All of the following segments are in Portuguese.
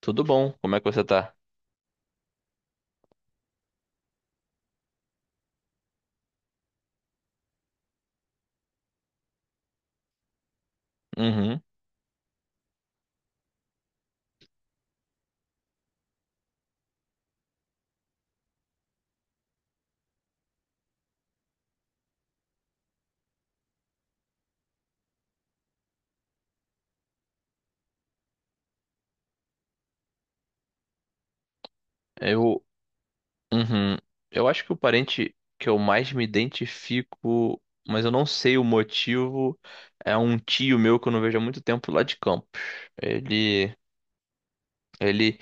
Tudo bom? Como é que você tá? Uhum. Eu, uhum. Eu acho que o parente que eu mais me identifico, mas eu não sei o motivo, é um tio meu que eu não vejo há muito tempo lá de Campos. Ele, ele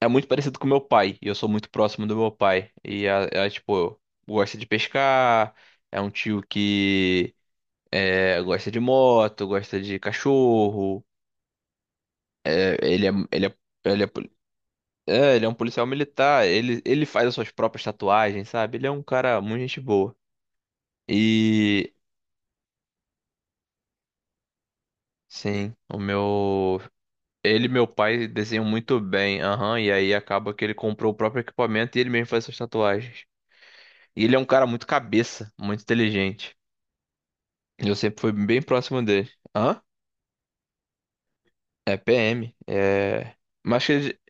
é muito parecido com meu pai, e eu sou muito próximo do meu pai. E tipo, gosta de pescar, é um tio que é, gosta de moto, gosta de cachorro. É, ele é, É, ele é um policial militar, ele faz as suas próprias tatuagens, sabe? Ele é um cara muito gente boa. E sim, o meu. Ele e meu pai desenham muito bem, aham, e aí acaba que ele comprou o próprio equipamento e ele mesmo faz suas tatuagens. E ele é um cara muito cabeça, muito inteligente. E eu sempre fui bem próximo dele. Hã? É PM. É. Mas acho que ele...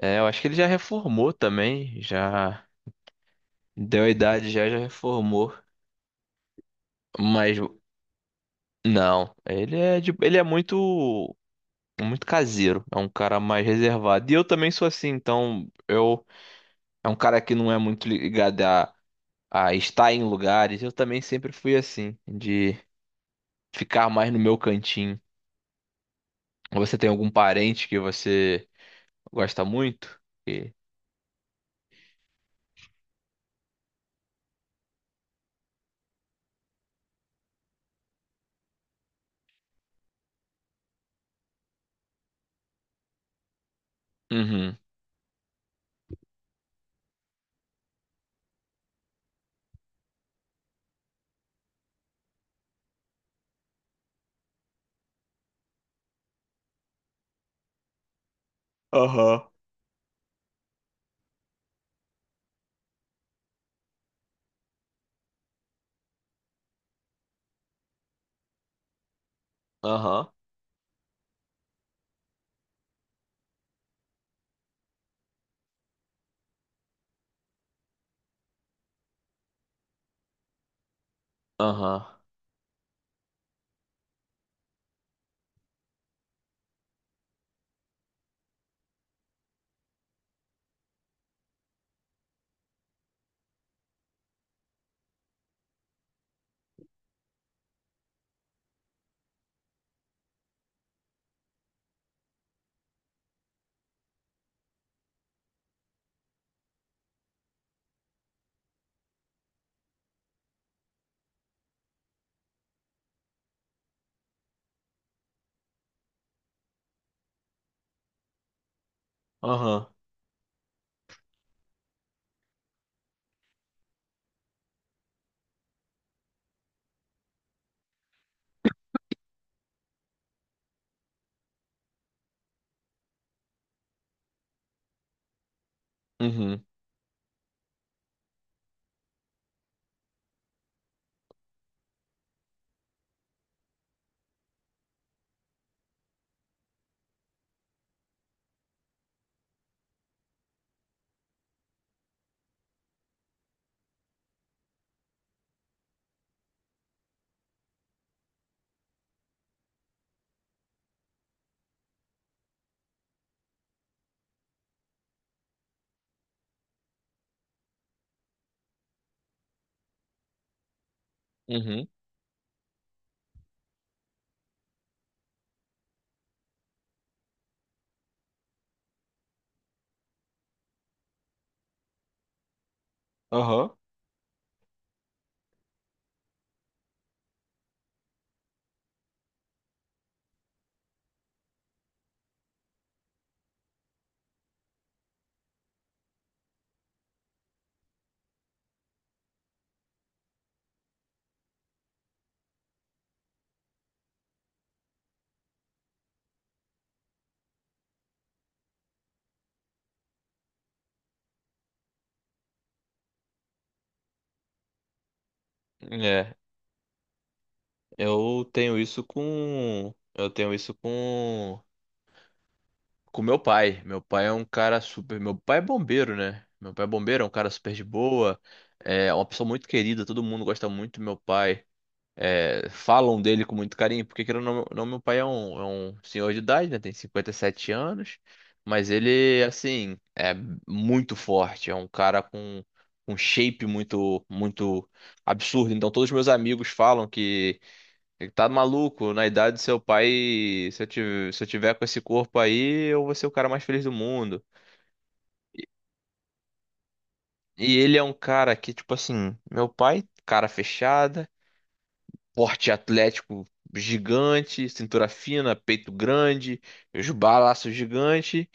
é, eu acho que ele já reformou também, já deu a idade, já reformou. Mas não, ele é de, ele é muito caseiro, é um cara mais reservado. E eu também sou assim, então eu é um cara que não é muito ligado a estar em lugares. Eu também sempre fui assim, de ficar mais no meu cantinho. Você tem algum parente que você gosta muito? E... Uhum. Aham. Aham. Aham. Aham. Uhum. Uhum. Aham. É, eu tenho isso com meu pai. Meu pai é um cara super. Meu pai é bombeiro, né? Meu pai é bombeiro, é um cara super de boa. É uma pessoa muito querida, todo mundo gosta muito do meu pai. É, falam dele com muito carinho, porque querendo ou não, não, meu pai é um senhor de idade, né? Tem 57 anos, mas ele, assim, é muito forte. É um cara com um shape muito absurdo. Então, todos os meus amigos falam que ele tá maluco, na idade do seu pai, se eu tiver com esse corpo aí, eu vou ser o cara mais feliz do mundo. E ele é um cara que, tipo assim, meu pai, cara fechada, porte atlético gigante, cintura fina, peito grande, os balaços gigante,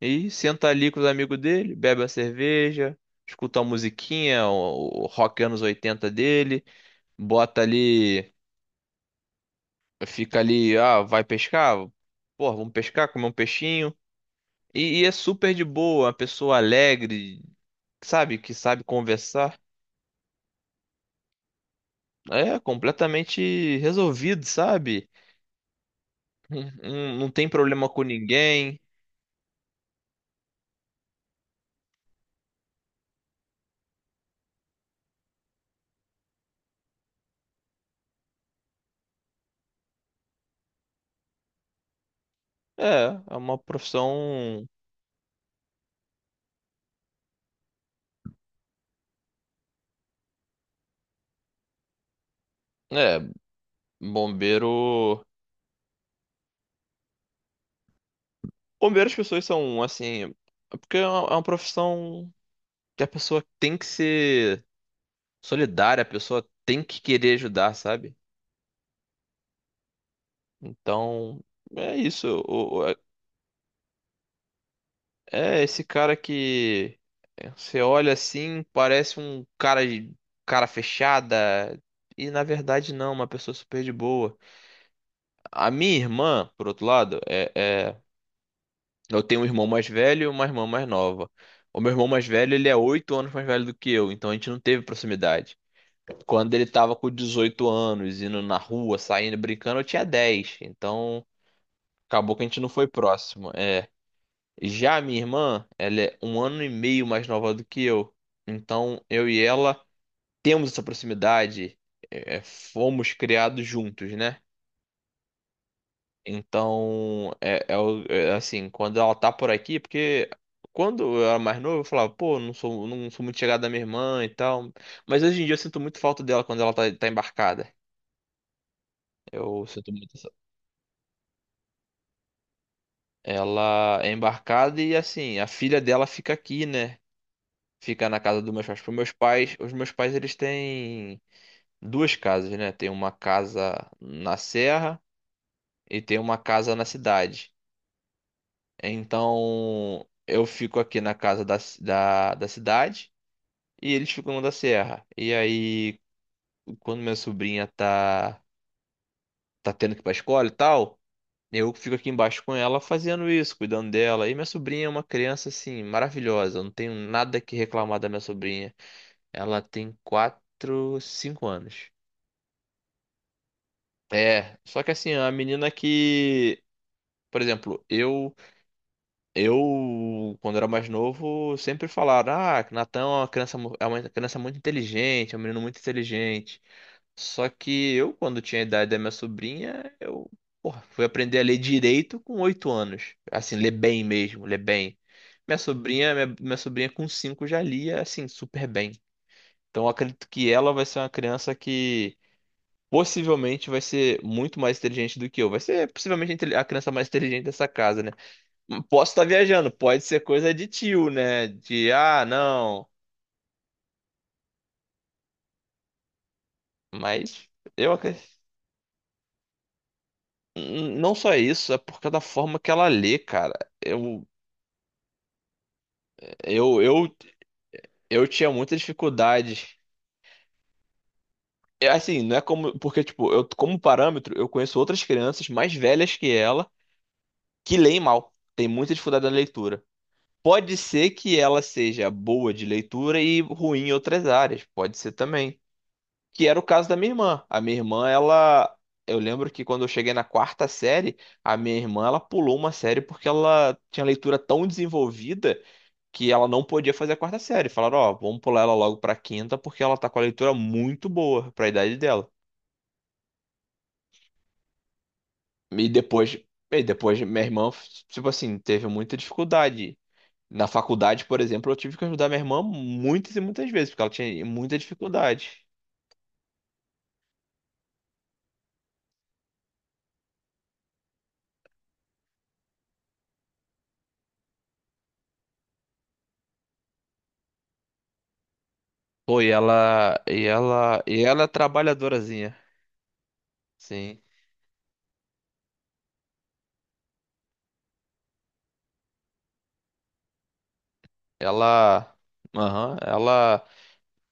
e senta ali com os amigos dele, bebe a cerveja, escuta a musiquinha, o rock anos 80 dele, bota ali, fica ali, ah, vai pescar? Pô, vamos pescar, comer um peixinho. E é super de boa, uma pessoa alegre, sabe? Que sabe conversar. É completamente resolvido, sabe? Não, não tem problema com ninguém. É, é uma profissão. É, bombeiro. Bombeiro as pessoas são assim. É. Porque é uma profissão que a pessoa tem que ser solidária, a pessoa tem que querer ajudar, sabe? Então, é isso. É, esse cara que você olha assim, parece um cara de cara fechada, e na verdade não, uma pessoa super de boa. A minha irmã, por outro lado, é, é- eu tenho um irmão mais velho e uma irmã mais nova. O meu irmão mais velho, ele é 8 anos mais velho do que eu, então a gente não teve proximidade. Quando ele tava com 18 anos, indo na rua, saindo, brincando, eu tinha 10. Então acabou que a gente não foi próximo. É. Já a minha irmã, ela é um ano e meio mais nova do que eu. Então, eu e ela temos essa proximidade, é, é, fomos criados juntos, né? Então, é, é o- é assim, quando ela tá por aqui, porque quando eu era mais novo, eu falava, pô, não sou muito chegada da minha irmã e tal. Mas hoje em dia eu sinto muito falta dela quando ela tá embarcada. Eu sinto muito essa. Ela é embarcada e assim, a filha dela fica aqui, né? Fica na casa dos meus pais. Para meus pais, os meus pais eles têm duas casas, né? Tem uma casa na serra e tem uma casa na cidade. Então eu fico aqui na casa da cidade e eles ficam na da serra. E aí, quando minha sobrinha tá tendo que ir pra escola e tal. Eu fico aqui embaixo com ela fazendo isso, cuidando dela. E minha sobrinha é uma criança assim, maravilhosa. Eu não tenho nada que reclamar da minha sobrinha. Ela tem quatro, cinco anos. É, só que assim, a menina que, por exemplo, eu quando era mais novo, sempre falaram: "Ah, que Natan é uma é uma criança muito inteligente, é um menino muito inteligente". Só que eu quando tinha a idade da minha sobrinha, eu, porra, fui aprender a ler direito com 8 anos. Assim, ler bem mesmo, ler bem. Minha sobrinha com cinco já lia assim super bem. Então eu acredito que ela vai ser uma criança que possivelmente vai ser muito mais inteligente do que eu. Vai ser possivelmente a criança mais inteligente dessa casa, né? Posso estar viajando, pode ser coisa de tio, né? De ah, não. Mas eu acre- não só isso, é por causa da forma que ela lê, cara. Eu eu eu, eu tinha muita dificuldade. É assim, não é como porque tipo, eu como parâmetro, eu conheço outras crianças mais velhas que ela que leem mal. Tem muita dificuldade na leitura. Pode ser que ela seja boa de leitura e ruim em outras áreas, pode ser também. Que era o caso da minha irmã. A minha irmã, ela. Eu lembro que quando eu cheguei na quarta série, a minha irmã, ela pulou uma série porque ela tinha leitura tão desenvolvida que ela não podia fazer a quarta série. Falaram, ó, vamos pular ela logo pra quinta porque ela tá com a leitura muito boa pra idade dela. E depois, minha irmã, tipo assim, teve muita dificuldade na faculdade, por exemplo, eu tive que ajudar minha irmã muitas e muitas vezes, porque ela tinha muita dificuldade. Pô, e ela é trabalhadorazinha. Sim. Ela, aham, ela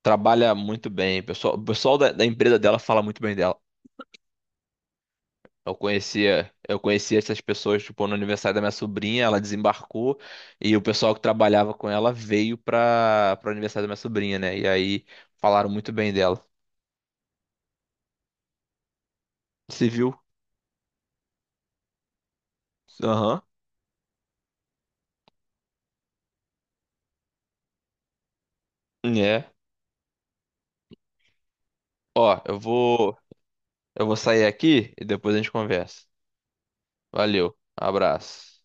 trabalha muito bem. O pessoal da empresa dela fala muito bem dela. Eu conhecia essas pessoas, tipo, no aniversário da minha sobrinha, ela desembarcou e o pessoal que trabalhava com ela veio para o aniversário da minha sobrinha, né? E aí falaram muito bem dela. Civil. Viu? Aham. É. Ó, eu vou sair aqui e depois a gente conversa. Valeu, abraço.